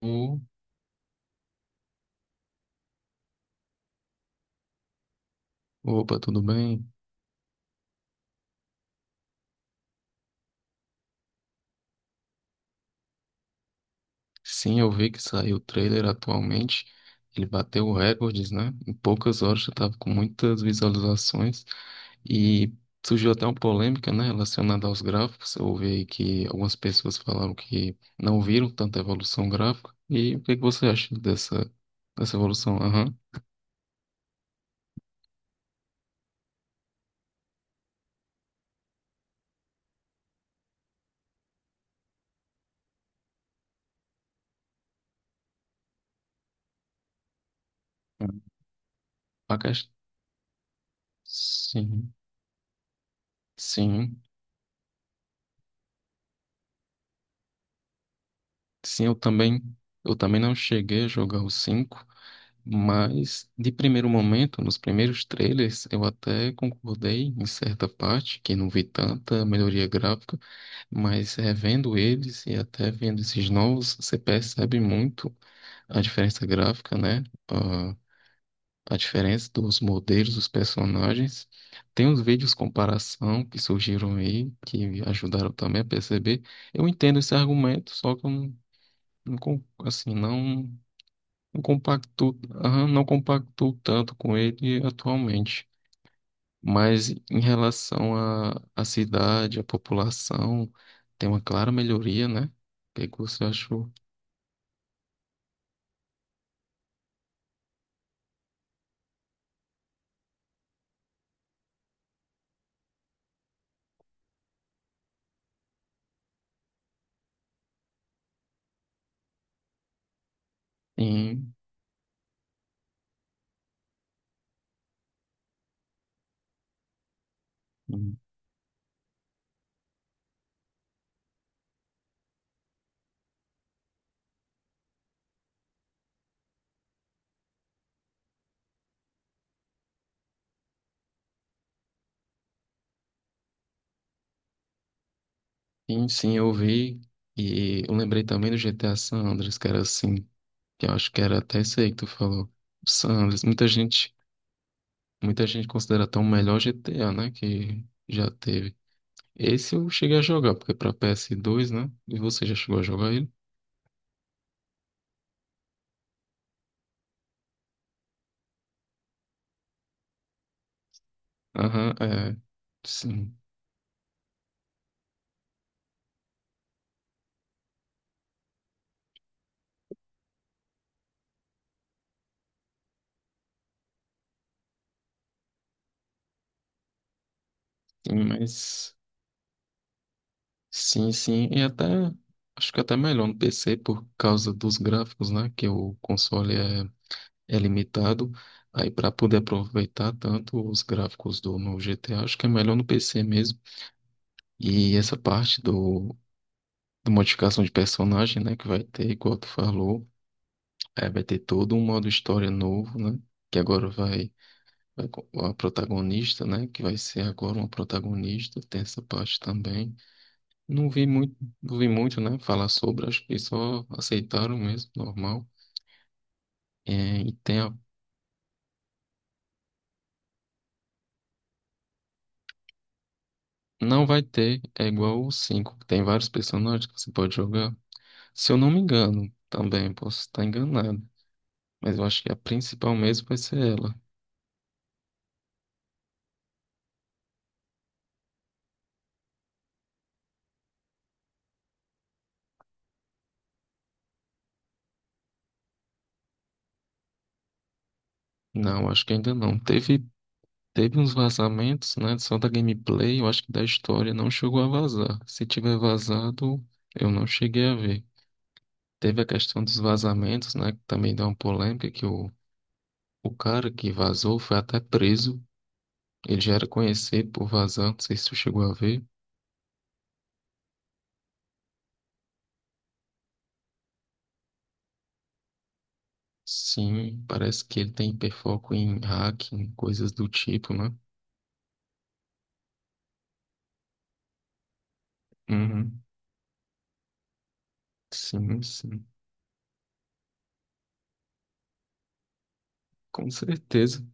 O- Opa, tudo bem? Sim, eu vi que saiu o trailer atualmente. Ele bateu recordes, né? Em poucas horas já estava com muitas visualizações e surgiu até uma polêmica, né, relacionada aos gráficos. Eu ouvi aí que algumas pessoas falaram que não viram tanta evolução gráfica. E o que que você acha dessa evolução? Aham. A quest- Sim, sim, sim, eu também não cheguei a jogar o 5. Mas, de primeiro momento, nos primeiros trailers, eu até concordei em certa parte que não vi tanta melhoria gráfica, mas revendo eles e até vendo esses novos, você percebe muito a diferença gráfica, né? A diferença dos modelos dos personagens. Tem uns vídeos comparação que surgiram aí, que ajudaram também a perceber. Eu entendo esse argumento, só que eu não, não con- assim, não. Não compactou aham, não compactou tanto com ele atualmente, mas em relação à cidade, à população, tem uma clara melhoria, né? O que que você achou? Sim, sim, eu vi. E eu lembrei também do GTA San Andreas, que era assim, que eu acho que era até isso aí que tu falou. San Andreas, muita gente considera até o melhor GTA, né? Que já teve. Esse eu cheguei a jogar, porque para PS2, né? E você já chegou a jogar ele? Aham, é. Sim, sim, mas. Sim, sim. E até. Acho que até melhor no PC por causa dos gráficos, né? Que o console é limitado. Aí, para poder aproveitar tanto os gráficos do no GTA, acho que é melhor no PC mesmo. E essa parte do modificação de personagem, né? Que vai ter, igual tu falou, é, vai ter todo um modo história novo, né? Que agora vai. Vai com a protagonista, né? Que vai ser agora uma protagonista, tem essa parte também. Não vi muito, não vi muito, né? Falar sobre, acho que só aceitaram mesmo, normal. É, e não vai ter, é igual o 5, que tem vários personagens que você pode jogar. Se eu não me engano, também posso estar enganado. Mas eu acho que a principal mesmo vai ser ela. Não, acho que ainda não. Teve uns vazamentos, né? Só da gameplay, eu acho que da história não chegou a vazar. Se tiver vazado, eu não cheguei a ver. Teve a questão dos vazamentos, né? Que também dá uma polêmica que o cara que vazou foi até preso. Ele já era conhecido por vazar, não sei se tu chegou a ver. Sim, parece que ele tem hiperfoco em hacking, coisas do tipo, né? Uhum. Sim, sim. Com certeza.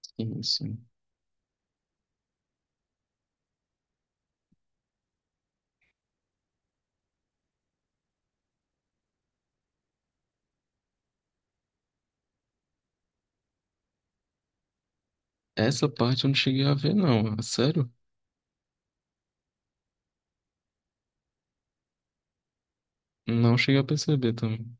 Sim, sim. Essa parte eu não cheguei a ver, não. É sério? Não cheguei a perceber também.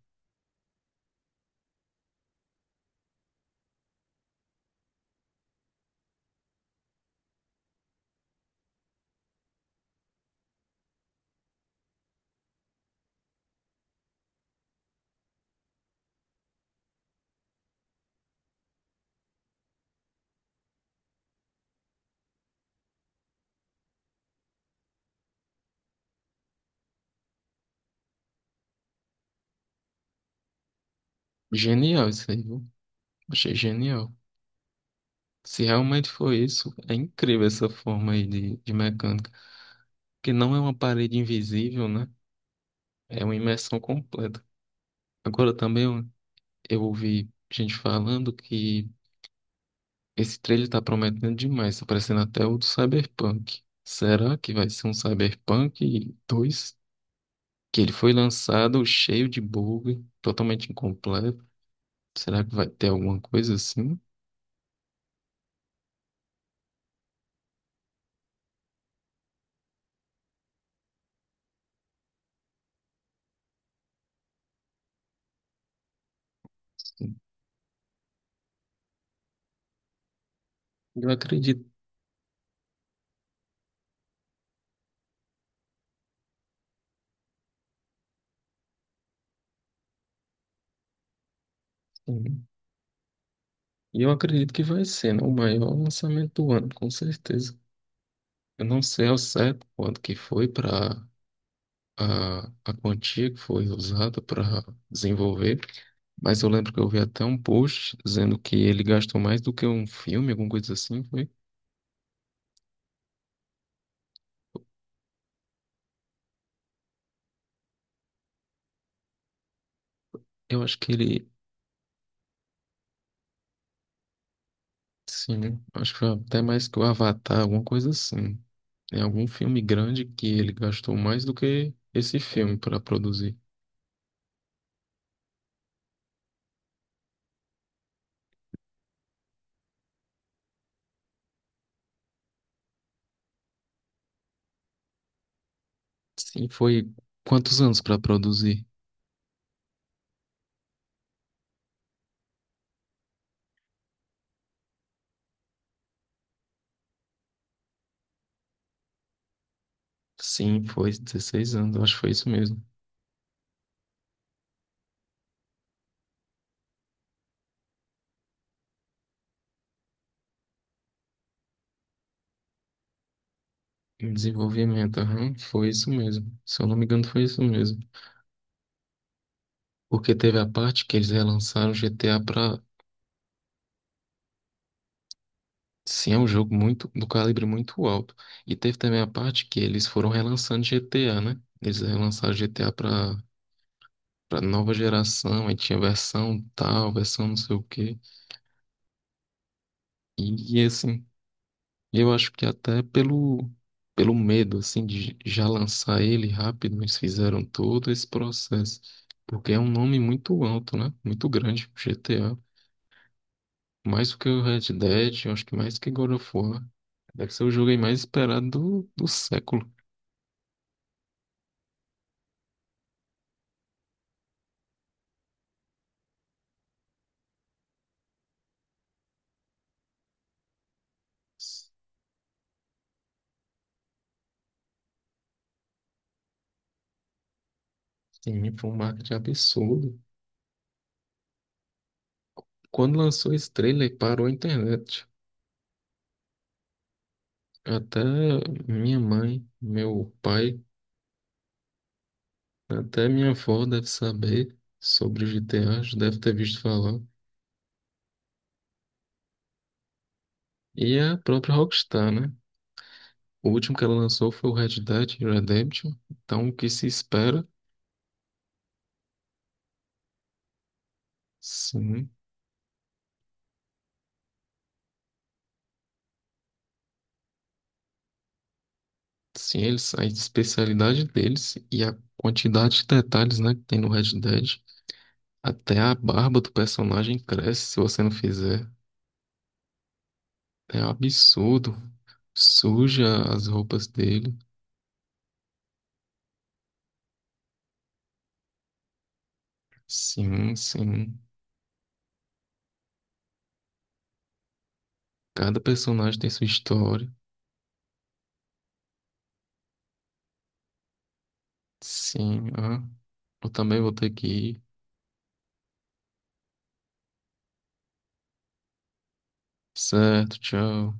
Genial isso aí, viu? Achei genial. Se realmente foi isso, é incrível essa forma aí de mecânica. Que não é uma parede invisível, né? É uma imersão completa. Agora também. É um eu ouvi gente falando que esse trailer tá prometendo demais, tá parecendo até o do Cyberpunk. Será que vai ser um Cyberpunk dois? Que ele foi lançado cheio de bug, totalmente incompleto. Será que vai ter alguma coisa assim? Sim. Eu acredito. E eu acredito que vai ser, né, o maior lançamento do ano, com certeza. Eu não sei ao certo quanto que foi para a quantia que foi usada para desenvolver. Mas eu lembro que eu vi até um post dizendo que ele gastou mais do que um filme, alguma coisa assim, foi? Eu acho que ele, sim, acho que foi até mais que o Avatar, alguma coisa assim. É algum filme grande que ele gastou mais do que esse filme para produzir. Sim, foi quantos anos para produzir? Sim, foi 16 anos, eu acho que foi isso mesmo. Em desenvolvimento, aham, foi isso mesmo. Se eu não me engano, foi isso mesmo. Porque teve a parte que eles relançaram GTA. Sim, é um jogo muito do calibre muito alto. E teve também a parte que eles foram relançando GTA, né? Eles relançaram GTA pra, pra nova geração, aí tinha versão tal, versão não sei o quê. E, assim, eu acho que até pelo medo, assim, de já lançar ele rápido, eles fizeram todo esse processo. Porque é um nome muito alto, né? Muito grande, GTA. Mais do que o Red Dead, eu acho que mais que God of War. Deve ser o jogo aí mais esperado do século. Sim, foi um marketing absurdo. Quando lançou esse trailer, parou a internet. Até minha mãe, meu pai, até minha avó deve saber sobre o GTA, já deve ter visto falar. E a própria Rockstar, né? O último que ela lançou foi o Red Dead Redemption. Então, o que se espera? Sim, sim, eles, a especialidade deles e a quantidade de detalhes, né, que tem no Red Dead. Até a barba do personagem cresce se você não fizer. É um absurdo. Suja as roupas dele. Sim, sim. Cada personagem tem sua história. Sim, ah. Eu também vou ter que ir. Certo, tchau.